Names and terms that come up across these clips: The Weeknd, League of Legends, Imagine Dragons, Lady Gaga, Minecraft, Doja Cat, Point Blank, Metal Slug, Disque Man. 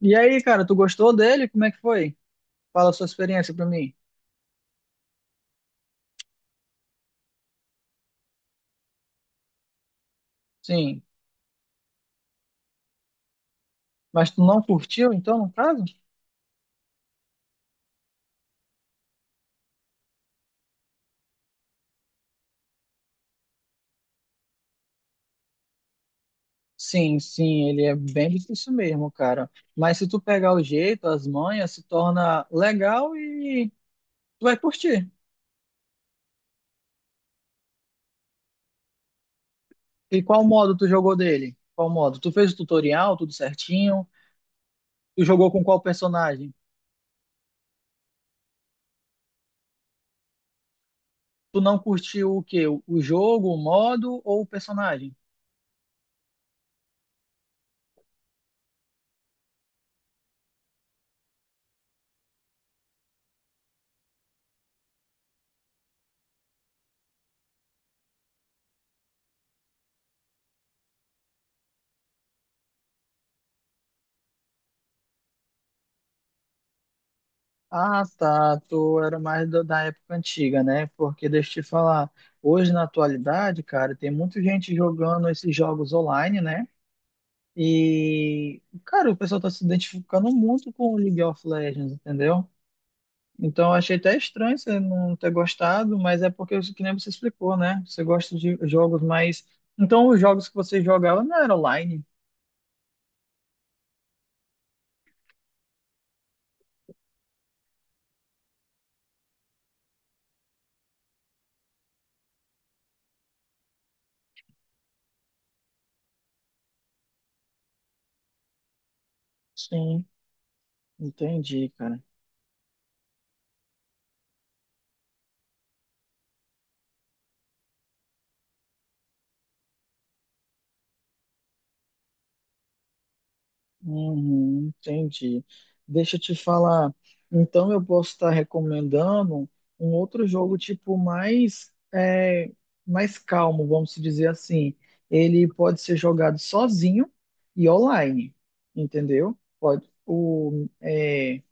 E aí, cara, tu gostou dele? Como é que foi? Fala a sua experiência pra mim. Sim. Mas tu não curtiu, então, no caso? Sim, sim, ele é bem difícil mesmo, cara. Mas se tu pegar o jeito, as manhas, se torna legal e tu vai curtir. E qual modo tu jogou dele? Qual modo? Tu fez o tutorial, tudo certinho? Tu jogou com qual personagem? Tu não curtiu o quê? O jogo, o modo ou o personagem? Ah, tá. Tu era mais da época antiga, né? Porque deixa eu te falar, hoje na atualidade, cara, tem muita gente jogando esses jogos online, né? E, cara, o pessoal tá se identificando muito com o League of Legends, entendeu? Então, eu achei até estranho você não ter gostado, mas é porque, que nem você explicou, né? Você gosta de jogos mais. Então, os jogos que você jogava não eram online. Sim, entendi, cara. Uhum, entendi. Deixa eu te falar. Então eu posso estar recomendando um outro jogo tipo mais mais calmo, vamos dizer assim. Ele pode ser jogado sozinho e online, entendeu? Pode. O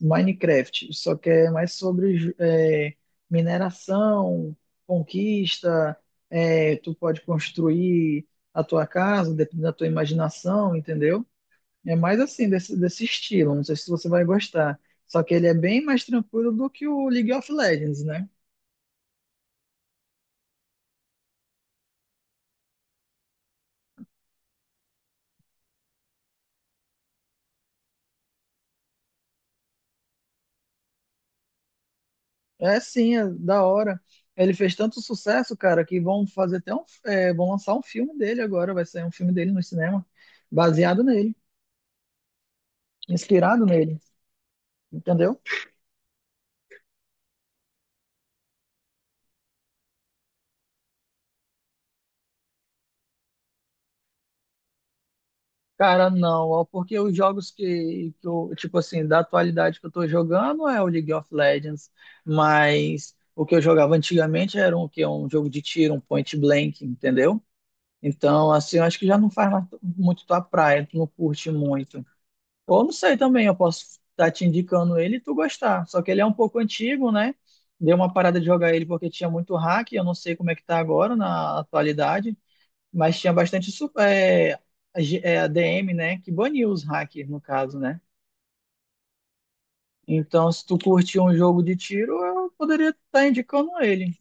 Minecraft, só que é mais sobre mineração, conquista. Tu pode construir a tua casa, dependendo da tua imaginação, entendeu? É mais assim, desse estilo. Não sei se você vai gostar. Só que ele é bem mais tranquilo do que o League of Legends, né? É sim, é da hora. Ele fez tanto sucesso, cara, que vão fazer, vão lançar um filme dele agora. Vai sair um filme dele no cinema, baseado nele, inspirado nele. Entendeu? Cara, não, ó, porque os jogos que eu, tipo assim, da atualidade que eu tô jogando é o League of Legends, mas o que eu jogava antigamente era um, que é um jogo de tiro, um point blank, entendeu? Então, assim, eu acho que já não faz mais muito tua praia, tu não curte muito. Ou não sei também, eu posso estar te indicando ele e tu gostar. Só que ele é um pouco antigo, né? Deu uma parada de jogar ele porque tinha muito hack, eu não sei como é que tá agora na atualidade, mas tinha bastante ADM, né? Que baniu os hackers, no caso, né? Então, se tu curte um jogo de tiro, eu poderia estar indicando ele.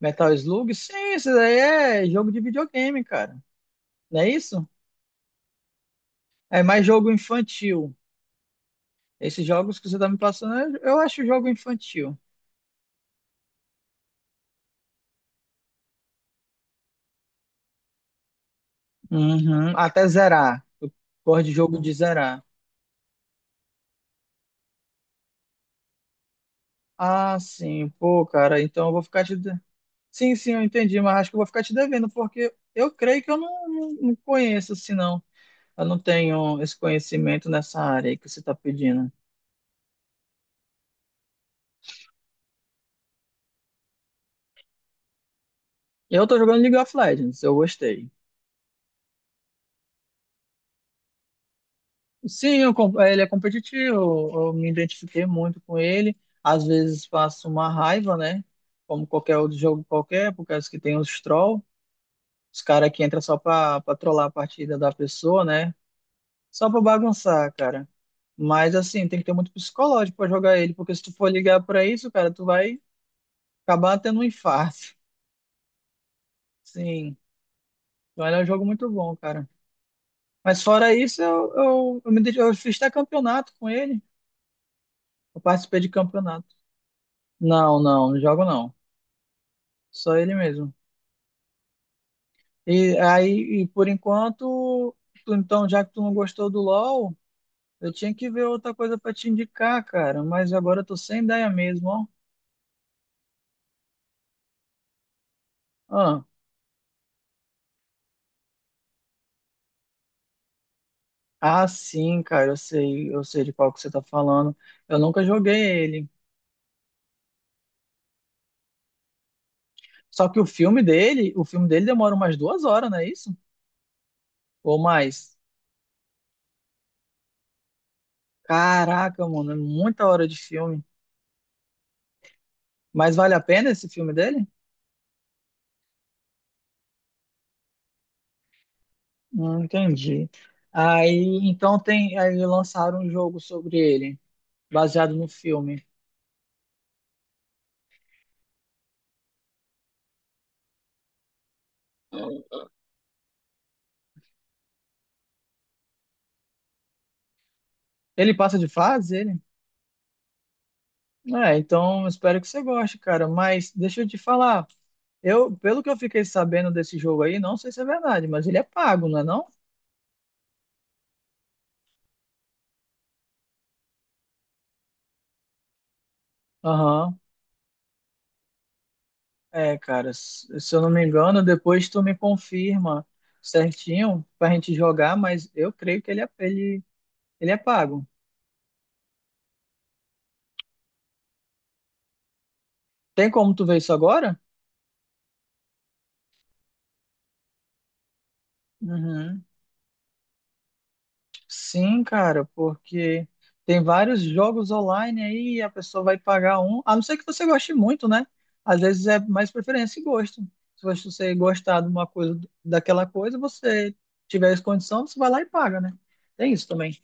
Metal Slug? Sim, isso daí é jogo de videogame, cara. Não é isso? É mais jogo infantil. Esses jogos que você tá me passando, eu acho jogo infantil. Uhum. Até zerar. Eu gosto de jogo de zerar. Ah, sim. Pô, cara, então eu vou ficar te. Sim, sim, eu entendi, mas acho que eu vou ficar te devendo, porque eu creio que eu não, não, não conheço, assim, não. Eu não tenho esse conhecimento nessa área aí que você tá pedindo. Eu tô jogando League of Legends, eu gostei. Sim, eu ele é competitivo, eu me identifiquei muito com ele. Às vezes faço uma raiva, né? Como qualquer outro jogo qualquer, por causa que tem os troll, os caras que entram só pra trollar a partida da pessoa, né? Só pra bagunçar, cara. Mas assim, tem que ter muito psicológico pra jogar ele, porque se tu for ligar pra isso, cara, tu vai acabar tendo um infarto. Sim, então ele é um jogo muito bom, cara. Mas fora isso, eu eu fiz até campeonato com ele. Eu participei de campeonato. Não, não, não jogo não. Só ele mesmo. E aí, e por enquanto, então, já que tu não gostou do LoL, eu tinha que ver outra coisa pra te indicar, cara. Mas agora eu tô sem ideia mesmo, ó. Ah, ah, sim, cara, eu sei de qual que você tá falando. Eu nunca joguei ele. Só que o filme dele demora umas 2 horas, não é isso? Ou mais. Caraca, mano, é muita hora de filme. Mas vale a pena esse filme dele? Entendi. Aí, então tem, aí lançaram um jogo sobre ele, baseado no filme. Ele passa de fase, ele? É, então espero que você goste, cara. Mas deixa eu te falar, eu, pelo que eu fiquei sabendo desse jogo aí, não sei se é verdade, mas ele é pago, não é não? Aham. É, cara, se eu não me engano, depois tu me confirma certinho pra gente jogar, mas eu creio que ele é pago. Tem como tu ver isso agora? Uhum. Sim, cara, porque tem vários jogos online aí e a pessoa vai pagar um, a não ser que você goste muito, né? Às vezes é mais preferência e gosto. Se você gostar de uma coisa, daquela coisa, você tiver as condições, você vai lá e paga, né? Tem isso também.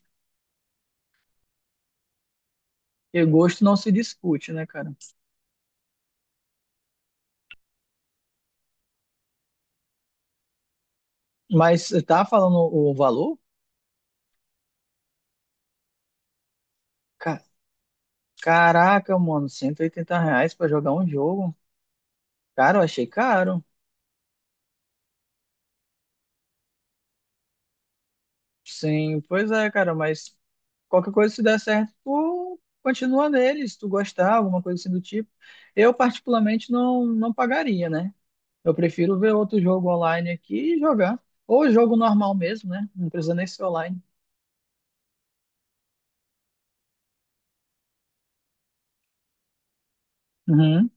E gosto não se discute, né, cara? Mas você tá falando o valor? Ca- Caraca, mano, R$ 180 pra jogar um jogo. Cara, eu achei caro. Sim, pois é, cara, mas qualquer coisa se der certo, tu continua nele, se tu gostar, alguma coisa assim do tipo. Eu, particularmente, não, não pagaria, né? Eu prefiro ver outro jogo online aqui e jogar. Ou jogo normal mesmo, né? Não precisa nem ser online. Uhum.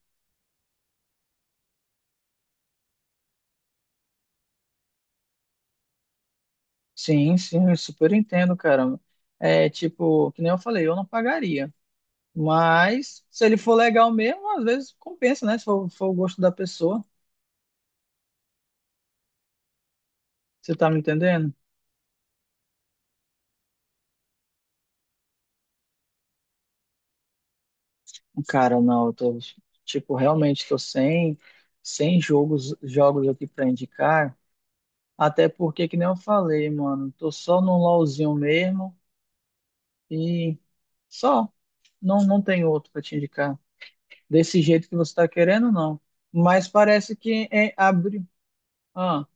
Sim, sim, eu super entendo, cara. É tipo, que nem eu falei, eu não pagaria. Mas se ele for legal mesmo, às vezes compensa, né? Se for o gosto da pessoa. Você tá me entendendo? Cara, não, eu tô, tipo, realmente tô sem jogos, jogos aqui pra indicar, até porque, que nem eu falei, mano, tô só num LOLzinho mesmo e só, não, não tem outro pra te indicar, desse jeito que você tá querendo, não, mas parece que abre, ah,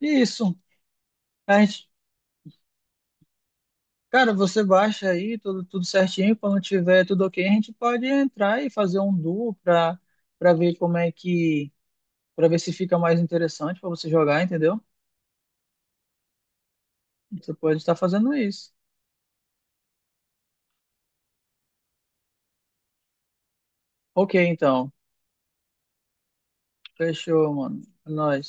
isso, a gente, cara, você baixa aí tudo, tudo certinho, quando tiver tudo ok, a gente pode entrar e fazer um duo pra ver como é que para ver se fica mais interessante para você jogar, entendeu? Você pode estar fazendo isso. Ok, então. Fechou, mano. É nóis.